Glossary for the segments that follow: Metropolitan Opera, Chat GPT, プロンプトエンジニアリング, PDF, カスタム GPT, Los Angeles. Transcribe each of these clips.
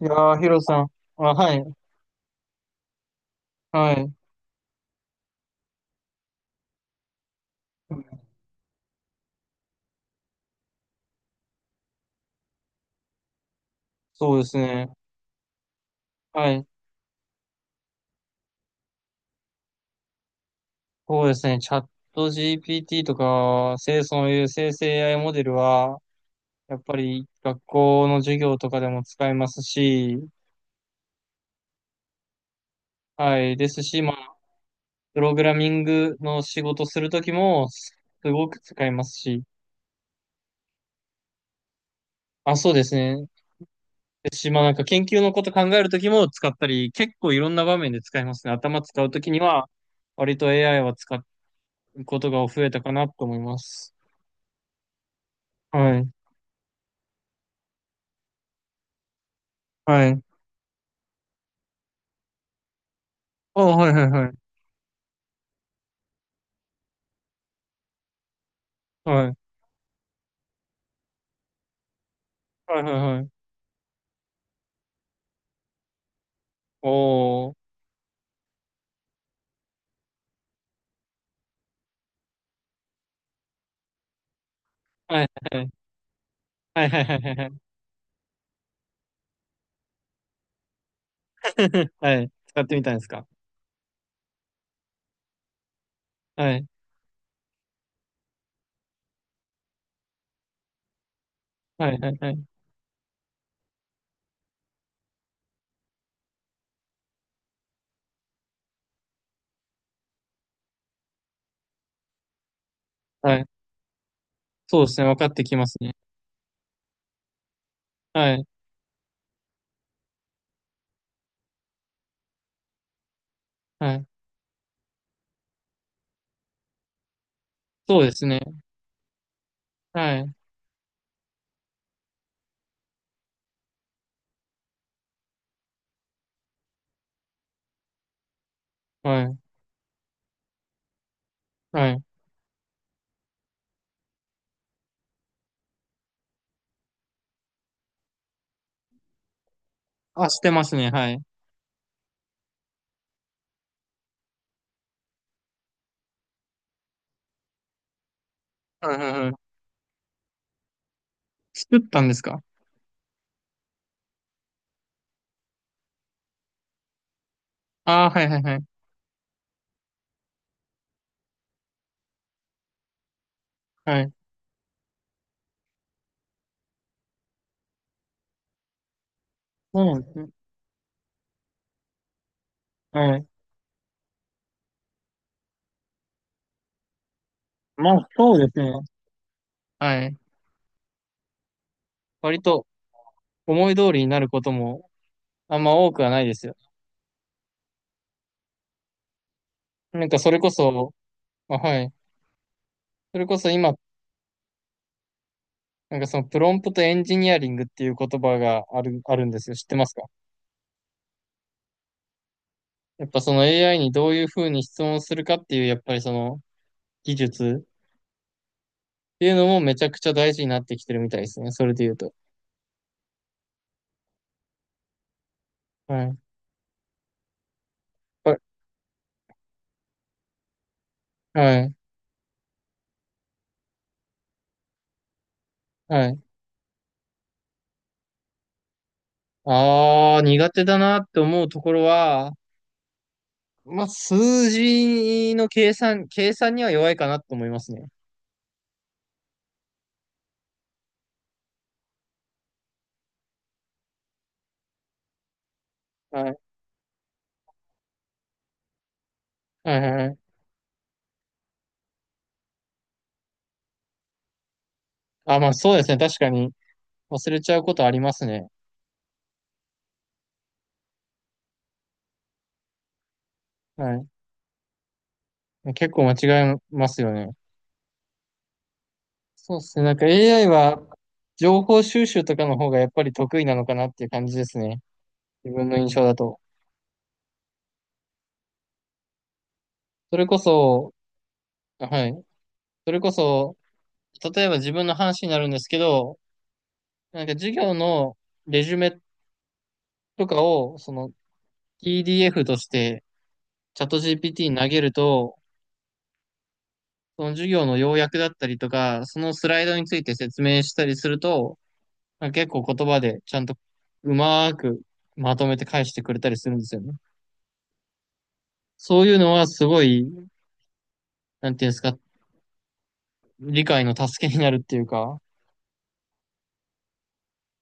いやー、ヒロさん。あ、はい、はい。そうですね。はい。そうですね。チャット GPT とか、そういう生成 AI モデルは、やっぱり学校の授業とかでも使えますし、はい。ですし、まあ、プログラミングの仕事するときも、ごく使えますし、あ、そうですね。ですし、まあ、なんか研究のこと考えるときも使ったり、結構いろんな場面で使えますね。頭使うときには、割と AI は使うことが増えたかなと思います。はい。はい。おー、はいはいはい。はい。はいはいはい。おー。はいはいはい。はいはいはいはいはい。はい。使ってみたんですか？はい。はいはいはい。はい。そうですね。分かってきますね。はい。はい。そうですね。はい。はい。はい。あ、してますね。はい。はいはいはい。作ったんですか？ああー、はいはいはい。はい。そうなんですね。はい。まあ、そうですね。はい。割と思い通りになることもあんま多くはないですよ。なんかそれこそ、あ、はい。それこそ今、なんかそのプロンプトエンジニアリングっていう言葉があるんですよ。知ってますか？やっぱその AI にどういうふうに質問するかっていう、やっぱりその技術っていうのもめちゃくちゃ大事になってきてるみたいですね。それで言うと。はい。はい。はい。はい。ああ、苦手だなって思うところは、まあ、数字の計算には弱いかなと思いますね。はい。はいはいはい。あ、まあそうですね。確かに忘れちゃうことありますね。はい。結構間違えますよね。そうですね。なんか AI は情報収集とかの方がやっぱり得意なのかなっていう感じですね。自分の印象だと。それこそ、はい。それこそ、例えば自分の話になるんですけど、なんか授業のレジュメとかを、その PDF としてチャット GPT に投げると、その授業の要約だったりとか、そのスライドについて説明したりすると、なんか結構言葉でちゃんとうまーくまとめて返してくれたりするんですよね。そういうのはすごい、なんていうんですか、理解の助けになるっていうか。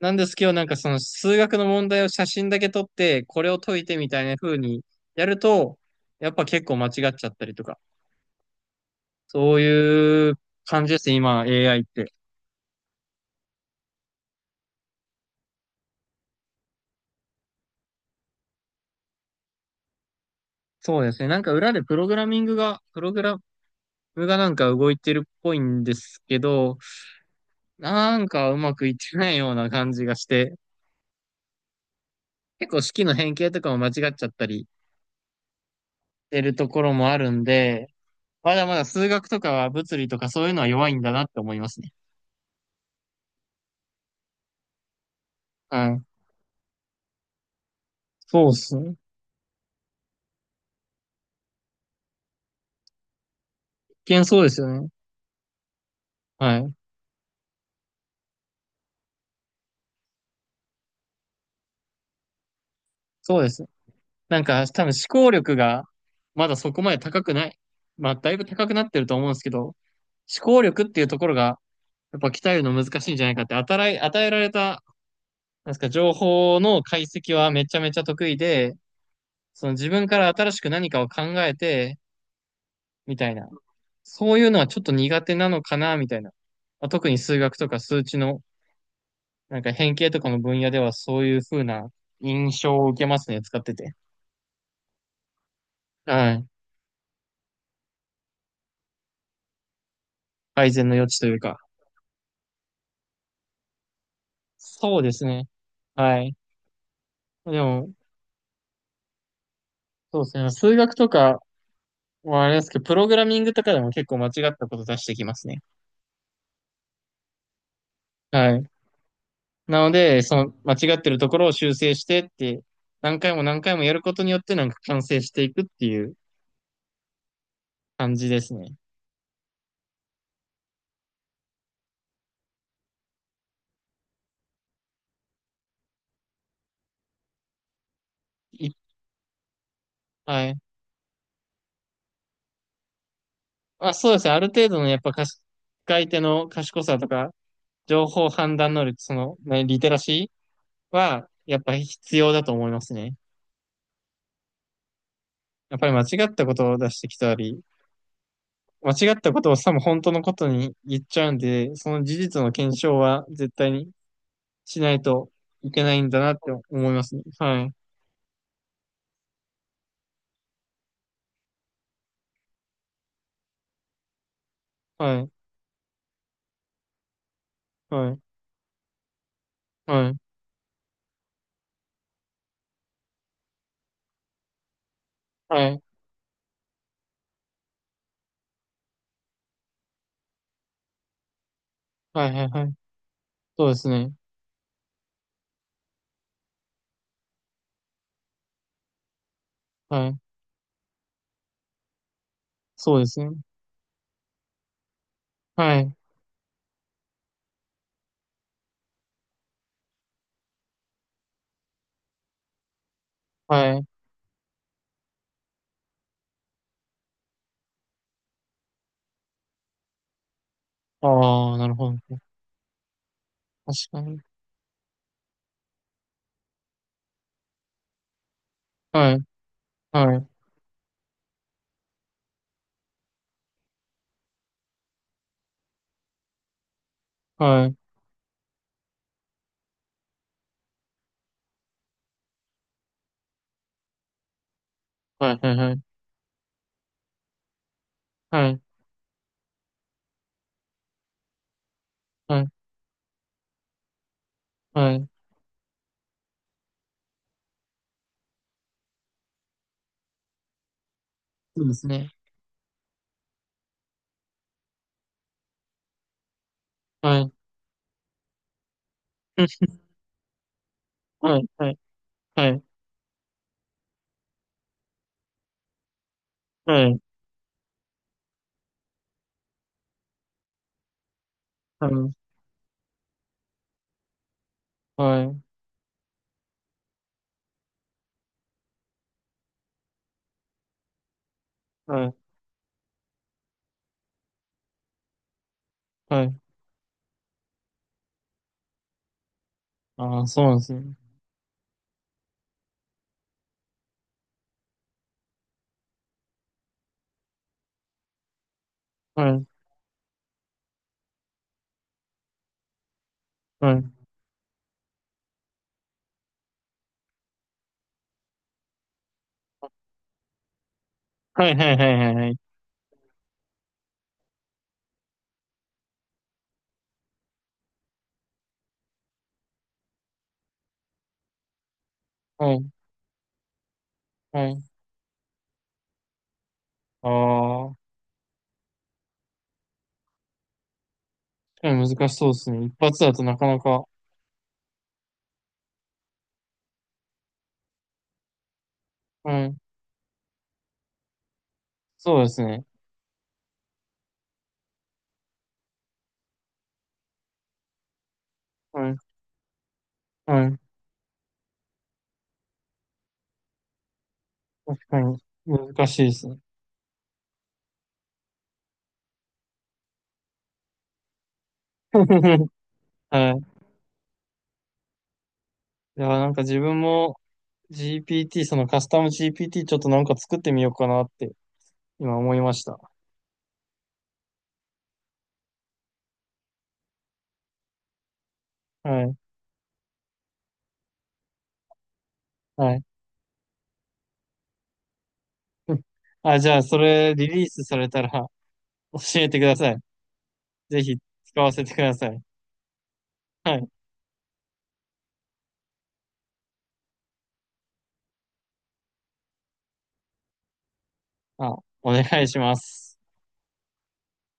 なんですけど、なんかその数学の問題を写真だけ撮って、これを解いて、みたいな風にやると、やっぱ結構間違っちゃったりとか、そういう感じですね、今 AI って。そうですね。なんか裏でプログラミングが、プログラムがなんか動いてるっぽいんですけど、なんかうまくいってないような感じがして、結構式の変形とかも間違っちゃったりしてるところもあるんで、まだまだ数学とかは物理とかそういうのは弱いんだなって思いますね。はい。そうっすね。一見そうですよね。はい。そうです。なんか多分思考力がまだそこまで高くない。まあだいぶ高くなってると思うんですけど、思考力っていうところがやっぱ鍛えるの難しいんじゃないかって、与えられた、なんですか、情報の解析はめちゃめちゃ得意で、その自分から新しく何かを考えて、みたいな。そういうのはちょっと苦手なのかな、みたいな。まあ特に数学とか数値のなんか変形とかの分野ではそういう風な印象を受けますね、使ってて。はい。改善の余地というか。そうですね。はい。でも、そうですね。数学とかはあれですけど、プログラミングとかでも結構間違ったこと出してきますね。はい。なので、その間違ってるところを修正してって、何回も何回もやることによってなんか完成していくっていう感じですね。いはい。あ、そうですね。ある程度のやっぱかし、使い手の賢さとか、情報判断能力、その、ね、リテラシーは、やっぱ必要だと思いますね。やっぱり間違ったことを出してきたり、間違ったことをさも本当のことに言っちゃうんで、その事実の検証は絶対にしないといけないんだなって思いますね。はい。はい。はい。はい。はい。はい。はい。はい。そうですね。はい。そうですね。はい。はい。ああ、なるほど。確かに。はい。はい。はい。はい。はい。はい。はい。はい。はい。そうですね。はいはい、ああ、なるほど、確かに、はいはいはいはいはいはいはいはい、そうですね、はい。はい、はい、はい、はい、はい、はい、はい、はい。ああ、そうなんですね。はい、はい、はい、はい、はい、はい、はい、はい。ああ、確かに難しそうですね。一発だとなかなか、はい、そうですね。はい、はい、はい。難しいですね。はい。いや、なんか自分も GPT、そのカスタム GPT ちょっとなんか作ってみようかなって今思いました。はい、はい。あ、じゃあ、それリリースされたら教えてください。ぜひ使わせてください。はい。あ、お願いします。